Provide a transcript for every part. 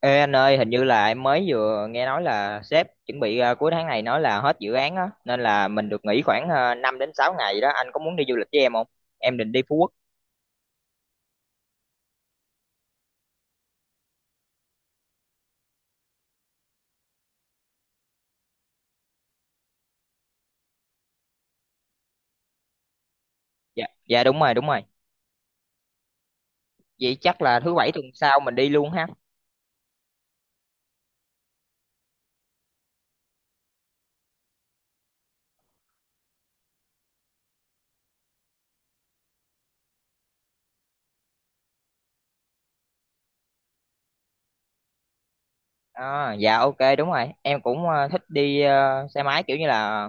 Ê anh ơi, hình như là em mới vừa nghe nói là sếp chuẩn bị cuối tháng này nói là hết dự án á, nên là mình được nghỉ khoảng 5 đến 6 ngày đó. Anh có muốn đi du lịch với em không? Em định đi Phú Quốc. Dạ, dạ đúng rồi, đúng rồi. Vậy chắc là thứ bảy tuần sau mình đi luôn ha. À, dạ ok đúng rồi. Em cũng thích đi xe máy kiểu như là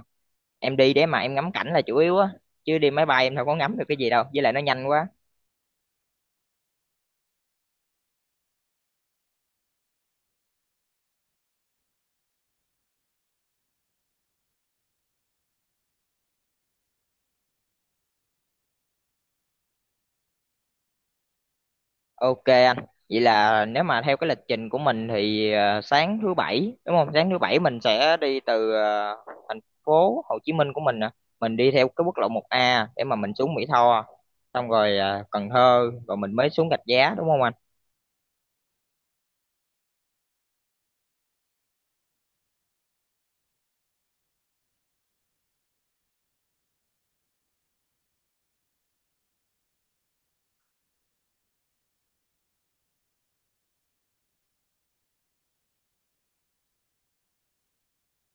em đi để mà em ngắm cảnh là chủ yếu á, chứ đi máy bay em đâu có ngắm được cái gì đâu, với lại nó nhanh quá. Ok anh, vậy là nếu mà theo cái lịch trình của mình thì sáng thứ bảy đúng không? Sáng thứ bảy mình sẽ đi từ thành phố Hồ Chí Minh của mình nè, mình đi theo cái quốc lộ 1A để mà mình xuống Mỹ Tho, xong rồi Cần Thơ, rồi mình mới xuống Rạch Giá đúng không anh?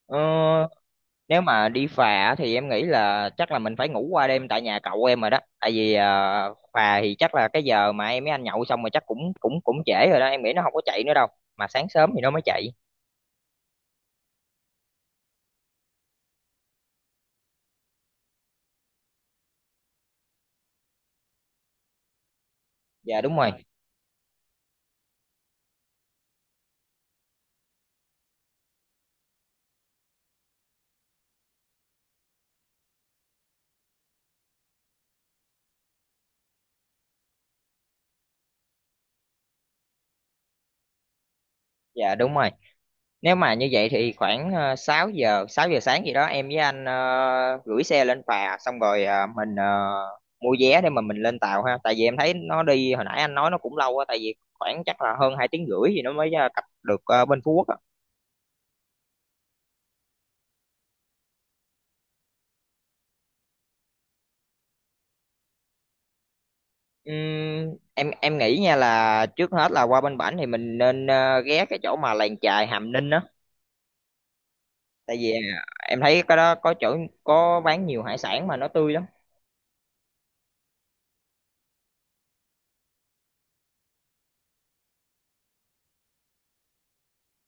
Ờ, nếu mà đi phà thì em nghĩ là chắc là mình phải ngủ qua đêm tại nhà cậu em rồi đó, tại vì phà thì chắc là cái giờ mà em với anh nhậu xong rồi chắc cũng cũng cũng trễ rồi đó, em nghĩ nó không có chạy nữa đâu, mà sáng sớm thì nó mới chạy. Dạ đúng rồi, dạ đúng rồi. Nếu mà như vậy thì khoảng 6 giờ, 6 giờ sáng gì đó em với anh gửi xe lên phà xong rồi mình mua vé để mà mình lên tàu ha. Tại vì em thấy nó đi hồi nãy anh nói nó cũng lâu quá tại vì khoảng chắc là hơn 2 tiếng rưỡi thì nó mới cập được bên Phú Quốc á. Em nghĩ nha là trước hết là qua bên Bảnh thì mình nên ghé cái chỗ mà làng chài Hàm Ninh á. Tại vì em thấy cái đó có chỗ có bán nhiều hải sản mà nó tươi lắm.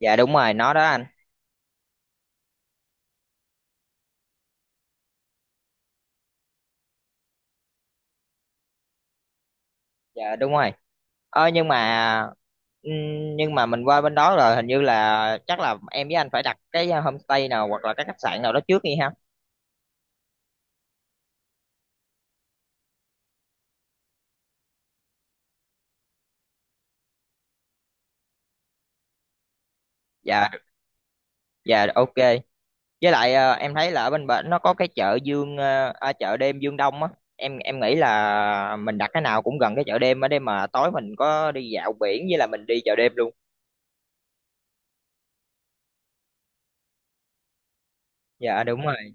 Dạ đúng rồi, nó đó anh. Dạ đúng rồi. Ờ ừm, nhưng mà mình qua bên đó rồi hình như là chắc là em với anh phải đặt cái homestay nào hoặc là cái khách sạn nào đó trước đi ha. Dạ dạ ok. Với lại em thấy là ở bên bển nó có cái chợ Dương chợ đêm Dương Đông á. Em nghĩ là mình đặt cái nào cũng gần cái chợ đêm ở đây mà tối mình có đi dạo biển với là mình đi chợ đêm luôn. Dạ đúng rồi.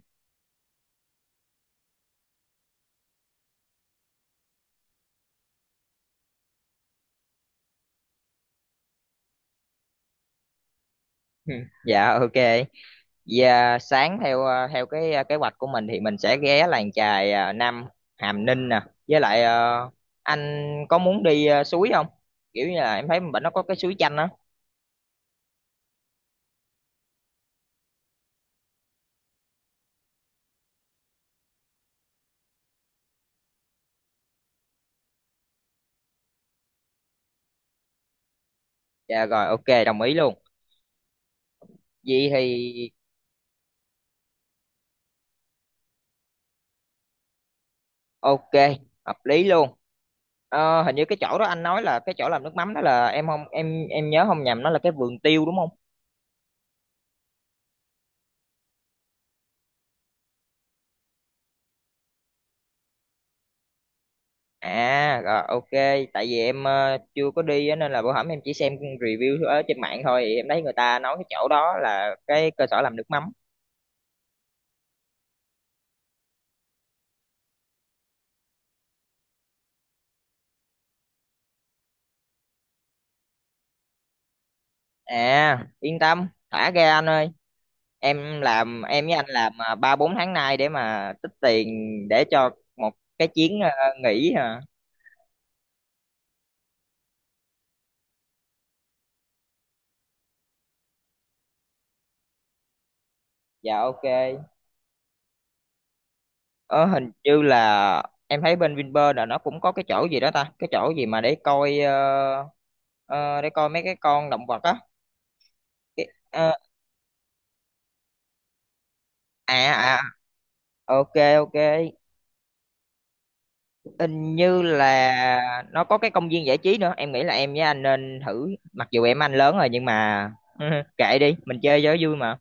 Dạ ok. Và sáng theo theo cái kế hoạch của mình thì mình sẽ ghé làng chài Nam Hàm Ninh nè. Với lại anh có muốn đi suối không? Kiểu như là em thấy bệnh nó có cái suối chanh á. Dạ rồi ok đồng ý luôn. Vậy thì ok hợp lý luôn. Ờ, hình như cái chỗ đó anh nói là cái chỗ làm nước mắm đó là em không em nhớ không nhầm nó là cái vườn tiêu đúng không? À rồi, ok, tại vì em chưa có đi á, nên là bữa hổm em chỉ xem review ở trên mạng thôi thì em thấy người ta nói cái chỗ đó là cái cơ sở làm nước mắm. À, yên tâm, thả ra anh ơi. Em làm em với anh làm ba bốn tháng nay để mà tích tiền để cho một cái chuyến nghỉ hả? Dạ ok. Ờ hình như là em thấy bên Vinpearl là nó cũng có cái chỗ gì đó ta, cái chỗ gì mà để coi để coi mấy cái con động vật á. Ờ, à à à. Ok, ok, hình như là nó có cái công viên giải trí nữa em nghĩ là em với anh nên thử mặc dù em anh lớn rồi nhưng mà kệ đi mình chơi cho vui mà.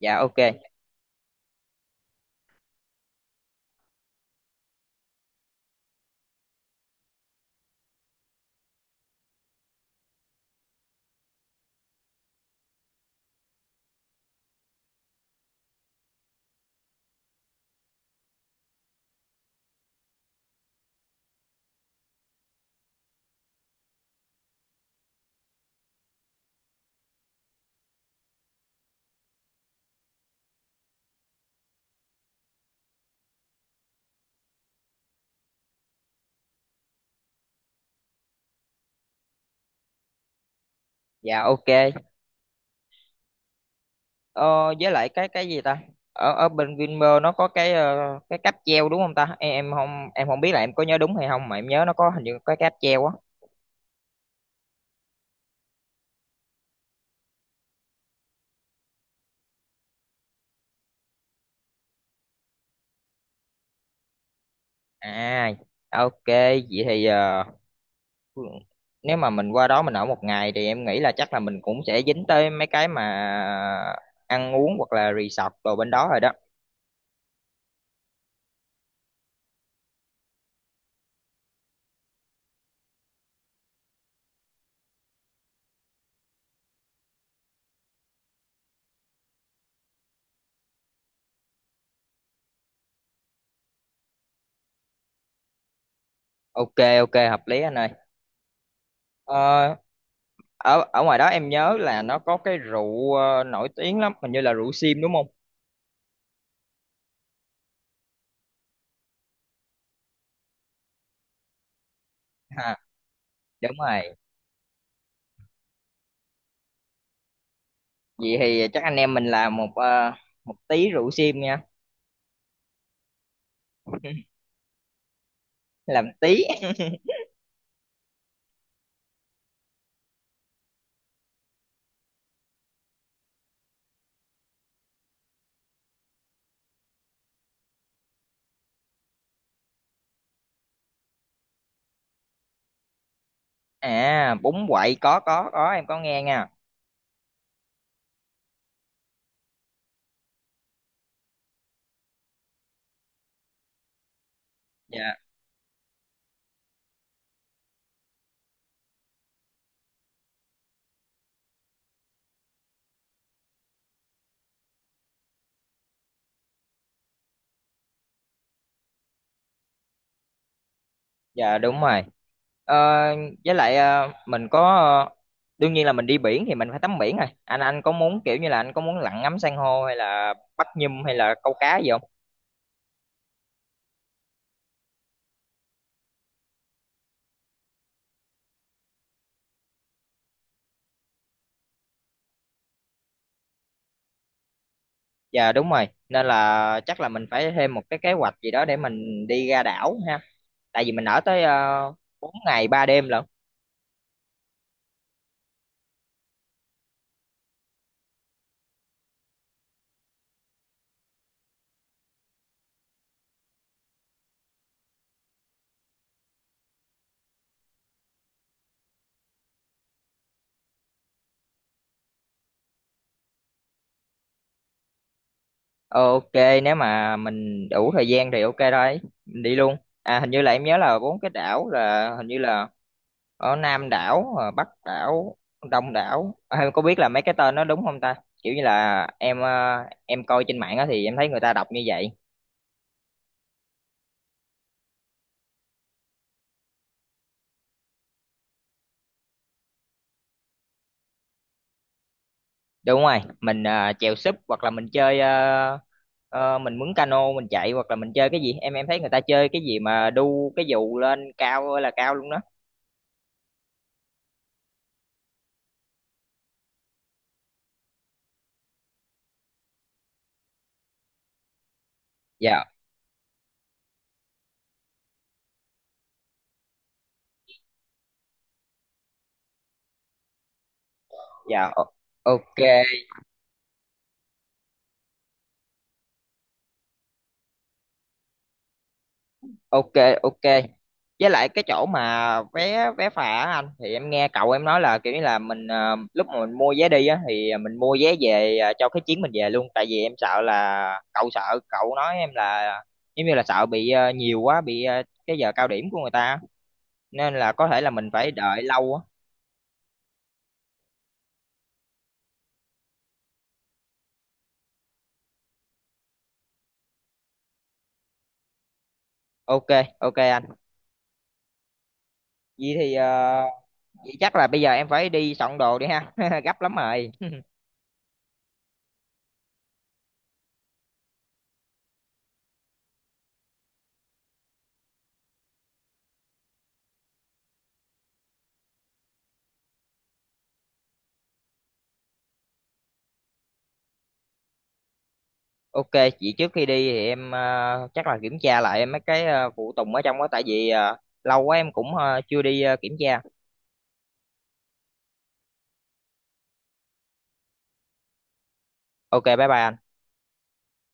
Dạ ok, dạ ok. Ờ, với lại cái cái gì ta ở ở bên Vinpearl nó có cái cái cáp treo đúng không ta em không biết là em có nhớ đúng hay không mà em nhớ nó có hình như có cái cáp treo á. À ok, vậy thì nếu mà mình qua đó mình ở một ngày thì em nghĩ là chắc là mình cũng sẽ dính tới mấy cái mà ăn uống hoặc là resort đồ bên đó rồi đó. Ok ok hợp lý anh ơi. ờ, ở ở ngoài đó em nhớ là nó có cái rượu nổi tiếng lắm hình như là rượu sim đúng không? Ha, đúng rồi. Vậy thì chắc anh em mình làm một một tí rượu sim nha. Làm tí à. Bún quậy có, em có nghe nha. Dạ, dạ đúng rồi. Ờ, với lại mình có ờ, đương nhiên là mình đi biển thì mình phải tắm biển rồi. Anh có muốn kiểu như là anh có muốn lặn ngắm san hô hay là bắt nhum hay là câu cá gì không? Dạ đúng rồi. Nên là chắc là mình phải thêm một cái kế hoạch gì đó để mình đi ra đảo ha. Tại vì mình ở tới 4 ngày 3 đêm lận. Ờ, ok nếu mà mình đủ thời gian thì ok thôi. Mình đi luôn. À hình như là em nhớ là bốn cái đảo là hình như là ở Nam đảo Bắc đảo Đông đảo à, em có biết là mấy cái tên nó đúng không ta, kiểu như là em coi trên mạng á thì em thấy người ta đọc như vậy. Đúng rồi, mình chèo súp hoặc là mình chơi mình mướn cano mình chạy hoặc là mình chơi cái gì em thấy người ta chơi cái gì mà đu cái dù lên cao ơi là cao luôn đó. Dạ, dạ o- ok. Ok, ok, với lại cái chỗ mà vé vé phà á anh thì em nghe cậu em nói là kiểu như là mình lúc mà mình mua vé đi á thì mình mua vé về cho cái chuyến mình về luôn tại vì em sợ là cậu sợ cậu nói em là giống như là sợ bị nhiều quá bị cái giờ cao điểm của người ta nên là có thể là mình phải đợi lâu á. Ok, ok anh, vậy thì vậy chắc là bây giờ em phải đi soạn đồ đi ha. Gấp lắm rồi. Ok, chị trước khi đi thì em chắc là kiểm tra lại mấy cái phụ tùng ở trong đó tại vì lâu quá em cũng chưa đi kiểm tra. Ok, bye bye anh.